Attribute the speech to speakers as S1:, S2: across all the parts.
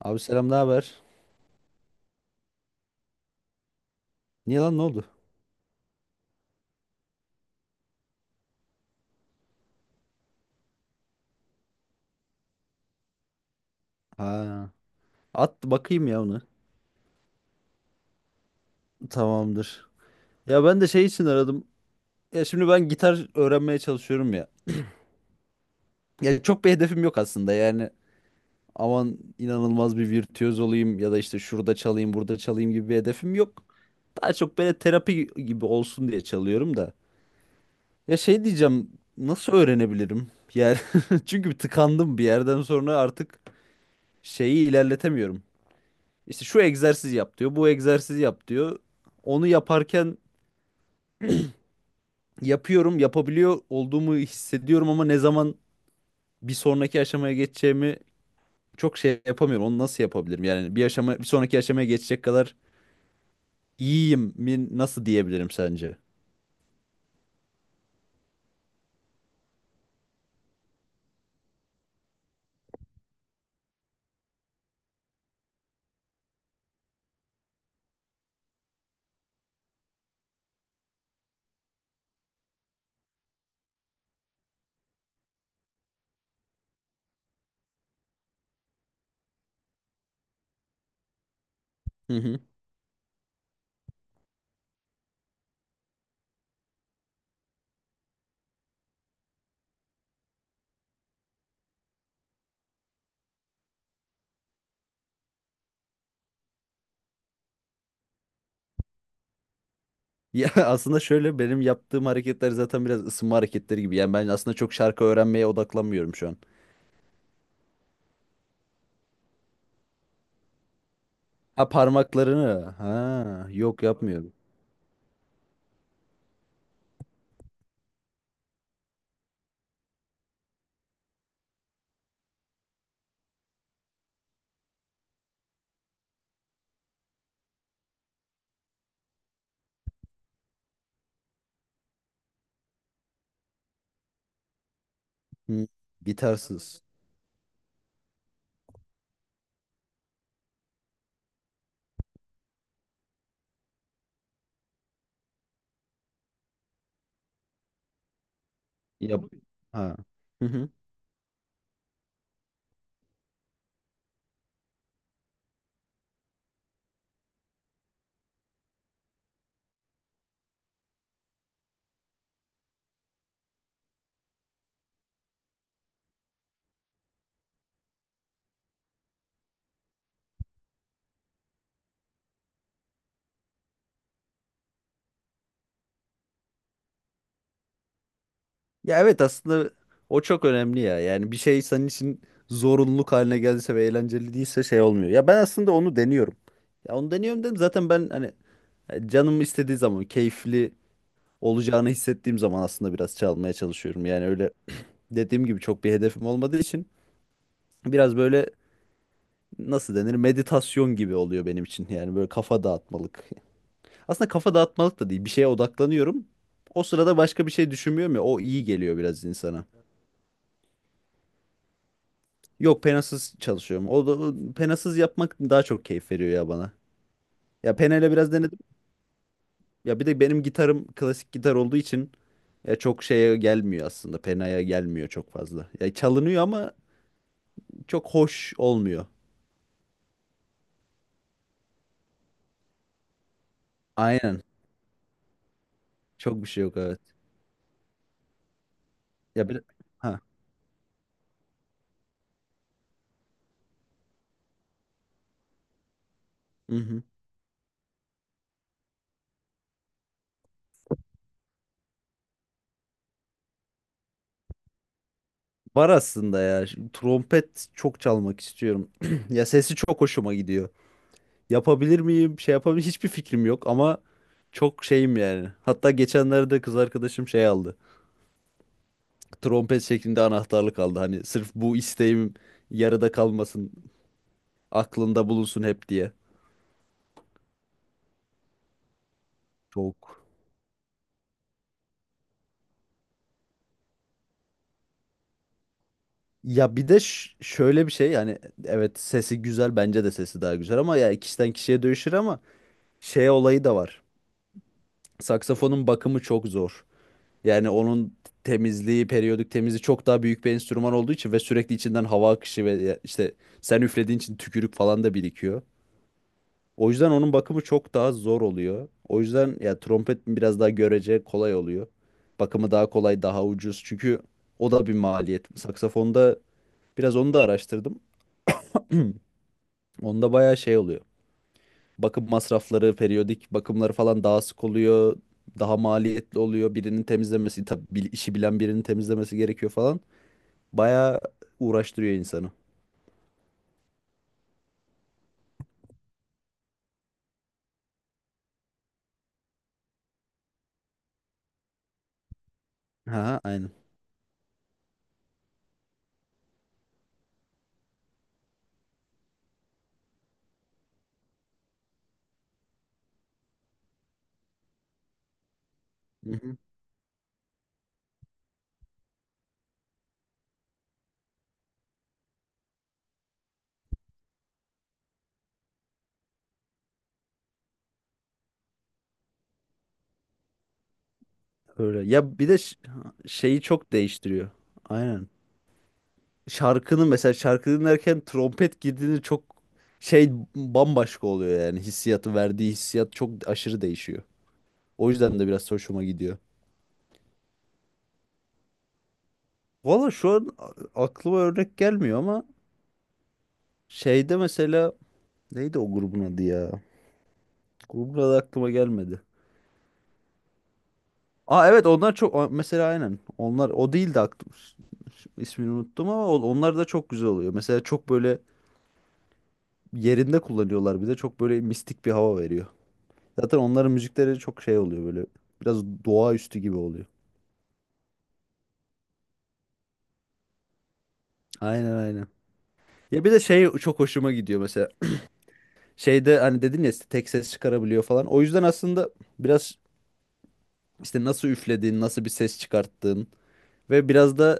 S1: Abi selam, ne haber? Niye lan ne oldu? Ha. At bakayım ya onu. Tamamdır. Ya ben de şey için aradım. Ya şimdi ben gitar öğrenmeye çalışıyorum ya. Ya çok bir hedefim yok aslında yani. Aman inanılmaz bir virtüöz olayım ya da işte şurada çalayım, burada çalayım gibi bir hedefim yok. Daha çok böyle terapi gibi olsun diye çalıyorum da. Ya şey diyeceğim, nasıl öğrenebilirim? Yani çünkü tıkandım bir yerden sonra artık şeyi ilerletemiyorum. İşte şu egzersiz yap diyor, bu egzersiz yap diyor. Onu yaparken yapıyorum, yapabiliyor olduğumu hissediyorum ama ne zaman bir sonraki aşamaya geçeceğimi çok şey yapamıyorum. Onu nasıl yapabilirim? Yani bir aşama, bir sonraki aşamaya geçecek kadar iyiyim mi nasıl diyebilirim sence? Hı hı. Ya aslında şöyle benim yaptığım hareketler zaten biraz ısınma hareketleri gibi. Yani ben aslında çok şarkı öğrenmeye odaklanmıyorum şu an. Ha, parmaklarını. Ha, yok yapmıyorum. Hı. Gitarsız. Yap. Ha. Hı hı. Ya evet, aslında o çok önemli ya. Yani bir şey senin için zorunluluk haline geldiyse ve eğlenceli değilse şey olmuyor. Ya ben aslında onu deniyorum. Ya onu deniyorum dedim zaten, ben hani canım istediği zaman keyifli olacağını hissettiğim zaman aslında biraz çalmaya çalışıyorum. Yani öyle dediğim gibi çok bir hedefim olmadığı için biraz böyle nasıl denir meditasyon gibi oluyor benim için. Yani böyle kafa dağıtmalık. Aslında kafa dağıtmalık da değil, bir şeye odaklanıyorum. O sırada başka bir şey düşünmüyorum ya, o iyi geliyor biraz insana. Yok, penasız çalışıyorum. O da penasız yapmak daha çok keyif veriyor ya bana. Ya penayla biraz denedim. Ya bir de benim gitarım klasik gitar olduğu için ya çok şeye gelmiyor aslında. Penaya gelmiyor çok fazla. Ya çalınıyor ama çok hoş olmuyor. Aynen. Çok bir şey yok, evet. Ya bir ha. Hı hı. Var aslında ya. Şu trompet çok çalmak istiyorum. Ya sesi çok hoşuma gidiyor. Yapabilir miyim? Şey yapabilir, hiçbir fikrim yok ama çok şeyim yani. Hatta geçenlerde kız arkadaşım şey aldı, trompet şeklinde anahtarlık aldı. Hani sırf bu isteğim yarıda kalmasın, aklında bulunsun hep diye. Çok. Şöyle bir şey yani, evet sesi güzel, bence de sesi daha güzel ama ya kişiden kişiye değişir ama şey olayı da var. Saksafonun bakımı çok zor. Yani onun temizliği, periyodik temizliği çok daha büyük bir enstrüman olduğu için ve sürekli içinden hava akışı ve işte sen üflediğin için tükürük falan da birikiyor. O yüzden onun bakımı çok daha zor oluyor. O yüzden ya trompet biraz daha görece kolay oluyor. Bakımı daha kolay, daha ucuz. Çünkü o da bir maliyet. Saksafonda biraz onu da araştırdım. Onda bayağı şey oluyor. Bakım masrafları, periyodik bakımları falan daha sık oluyor. Daha maliyetli oluyor. Birinin temizlemesi, tabii işi bilen birinin temizlemesi gerekiyor falan. Bayağı uğraştırıyor insanı. Ha, aynen. Hı hı. Öyle. Şeyi çok değiştiriyor. Aynen. Şarkının, mesela şarkı dinlerken trompet girdiğinde çok şey bambaşka oluyor yani hissiyatı, verdiği hissiyat çok aşırı değişiyor. O yüzden de biraz hoşuma gidiyor. Valla şu an aklıma örnek gelmiyor ama şeyde mesela neydi o grubun adı ya? Grubun adı aklıma gelmedi. Aa evet, onlar çok mesela aynen, onlar o değil de aklım ismini unuttum ama onlar da çok güzel oluyor. Mesela çok böyle yerinde kullanıyorlar, bir de çok böyle mistik bir hava veriyor. Zaten onların müzikleri çok şey oluyor böyle. Biraz doğaüstü gibi oluyor. Aynen aynen. Ya bir de şey çok hoşuma gidiyor mesela. Şeyde hani dedin ya işte tek ses çıkarabiliyor falan. O yüzden aslında biraz işte nasıl üflediğin, nasıl bir ses çıkarttığın ve biraz da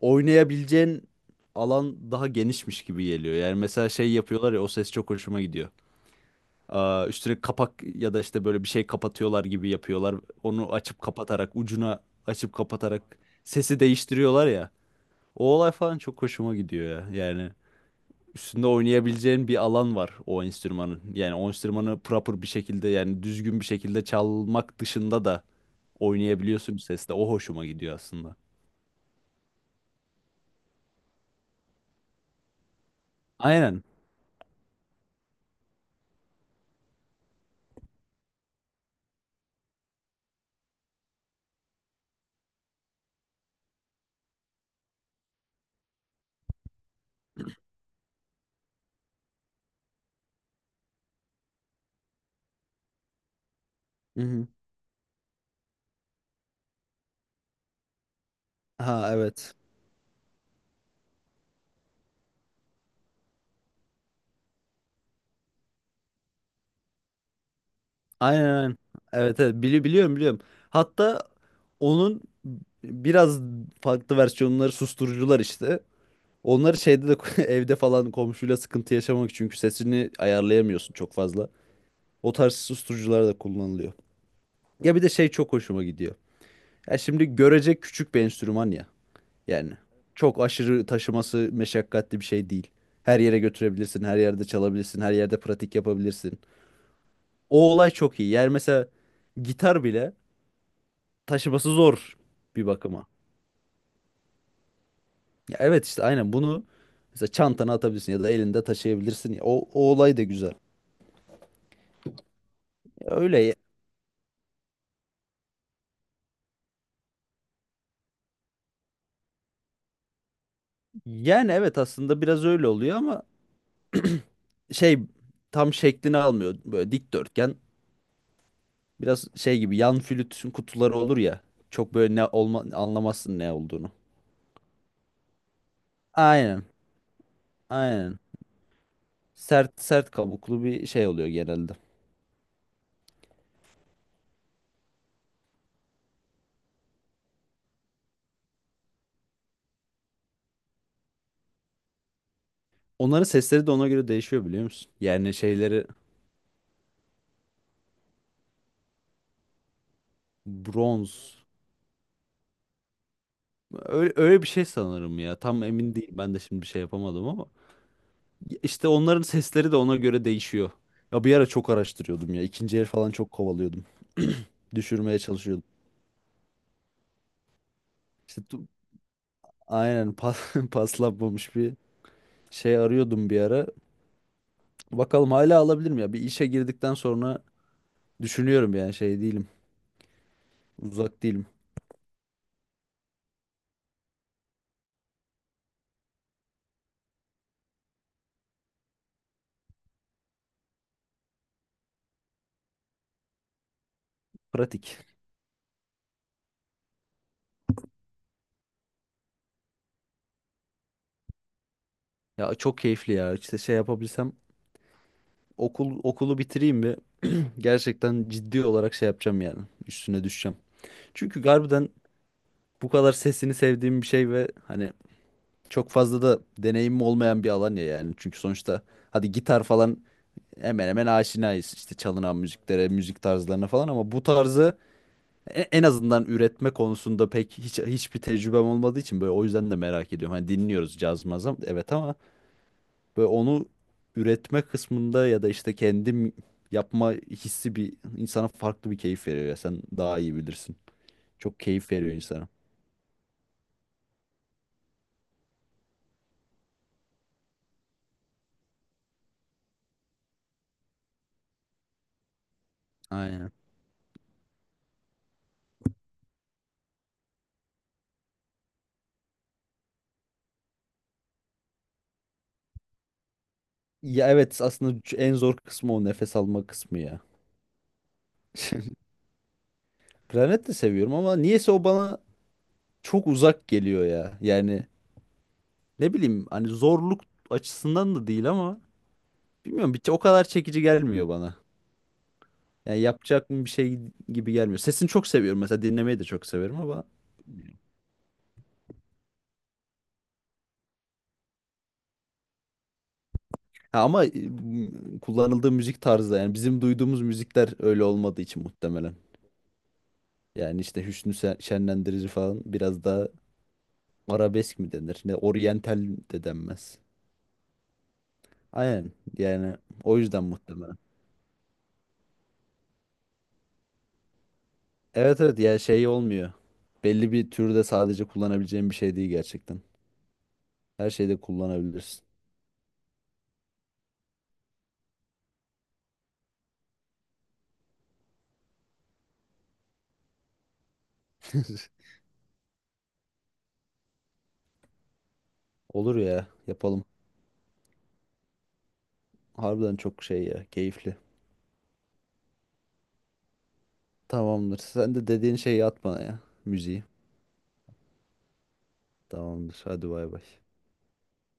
S1: oynayabileceğin alan daha genişmiş gibi geliyor. Yani mesela şey yapıyorlar ya, o ses çok hoşuma gidiyor. Aa, üstüne kapak ya da işte böyle bir şey kapatıyorlar gibi yapıyorlar. Onu açıp kapatarak ucuna, açıp kapatarak sesi değiştiriyorlar ya. O olay falan çok hoşuma gidiyor ya. Yani üstünde oynayabileceğin bir alan var o enstrümanın. Yani o enstrümanı proper bir şekilde, yani düzgün bir şekilde çalmak dışında da oynayabiliyorsun sesle. O hoşuma gidiyor aslında. Aynen. Hı hı. Ha evet. Aynen aynen. Evet evet, biliyorum biliyorum. Hatta onun biraz farklı versiyonları susturucular işte. Onları şeyde de evde falan, komşuyla sıkıntı yaşamak çünkü sesini ayarlayamıyorsun çok fazla. O tarz susturucular da kullanılıyor. Ya bir de şey çok hoşuma gidiyor. Ya şimdi görecek küçük bir enstrüman ya. Yani çok aşırı taşıması meşakkatli bir şey değil. Her yere götürebilirsin, her yerde çalabilirsin, her yerde pratik yapabilirsin. O olay çok iyi. Yani mesela gitar bile taşıması zor bir bakıma. Ya evet işte, aynen bunu mesela çantana atabilirsin ya da elinde taşıyabilirsin ya. O olay da güzel. Ya Öyle ya- Yani evet, aslında biraz öyle oluyor ama şey tam şeklini almıyor. Böyle dikdörtgen. Biraz şey gibi, yan flütün kutuları olur ya. Çok böyle ne olma, anlamazsın ne olduğunu. Aynen. Aynen. Sert, sert kabuklu bir şey oluyor genelde. Onların sesleri de ona göre değişiyor, biliyor musun? Yani şeyleri, bronz. Öyle, öyle bir şey sanırım ya. Tam emin değil. Ben de şimdi bir şey yapamadım ama. İşte onların sesleri de ona göre değişiyor. Ya bir ara çok araştırıyordum ya. İkinci el falan çok kovalıyordum. Düşürmeye çalışıyordum. İşte tu- aynen, paslanmamış bir şey arıyordum bir ara. Bakalım hala alabilirim ya. Bir işe girdikten sonra düşünüyorum yani şey değilim. Uzak değilim. Pratik. Ya çok keyifli ya. İşte şey yapabilsem okulu bitireyim ve gerçekten ciddi olarak şey yapacağım yani. Üstüne düşeceğim. Çünkü harbiden bu kadar sesini sevdiğim bir şey ve hani çok fazla da deneyimim olmayan bir alan ya yani. Çünkü sonuçta hadi gitar falan hemen hemen aşinayız. İşte çalınan müziklere, müzik tarzlarına falan ama bu tarzı, en azından üretme konusunda pek hiçbir tecrübem olmadığı için böyle, o yüzden de merak ediyorum. Hani dinliyoruz caz mazam evet ama böyle onu üretme kısmında ya da işte kendim yapma hissi bir insana farklı bir keyif veriyor ya, sen daha iyi bilirsin. Çok keyif veriyor insana. Aynen. Ya evet aslında en zor kısmı o nefes alma kısmı ya. Planet de seviyorum ama niyeyse o bana çok uzak geliyor ya. Yani ne bileyim, hani zorluk açısından da değil ama bilmiyorum, bir o kadar çekici gelmiyor bana. Yani yapacak mı bir şey gibi gelmiyor. Sesini çok seviyorum, mesela dinlemeyi de çok severim ama ha, ama kullanıldığı müzik tarzı yani bizim duyduğumuz müzikler öyle olmadığı için muhtemelen. Yani işte Hüsnü Şenlendirici falan, biraz daha arabesk mi denir? Ne oryantal de denmez. Aynen yani, o yüzden muhtemelen. Evet evet, ya şey olmuyor. Belli bir türde sadece kullanabileceğim bir şey değil gerçekten. Her şeyde kullanabilirsin. Olur ya, yapalım. Harbiden çok şey ya. Keyifli. Tamamdır. Sen de dediğin şeyi at bana ya. Müziği. Tamamdır. Hadi bay bay.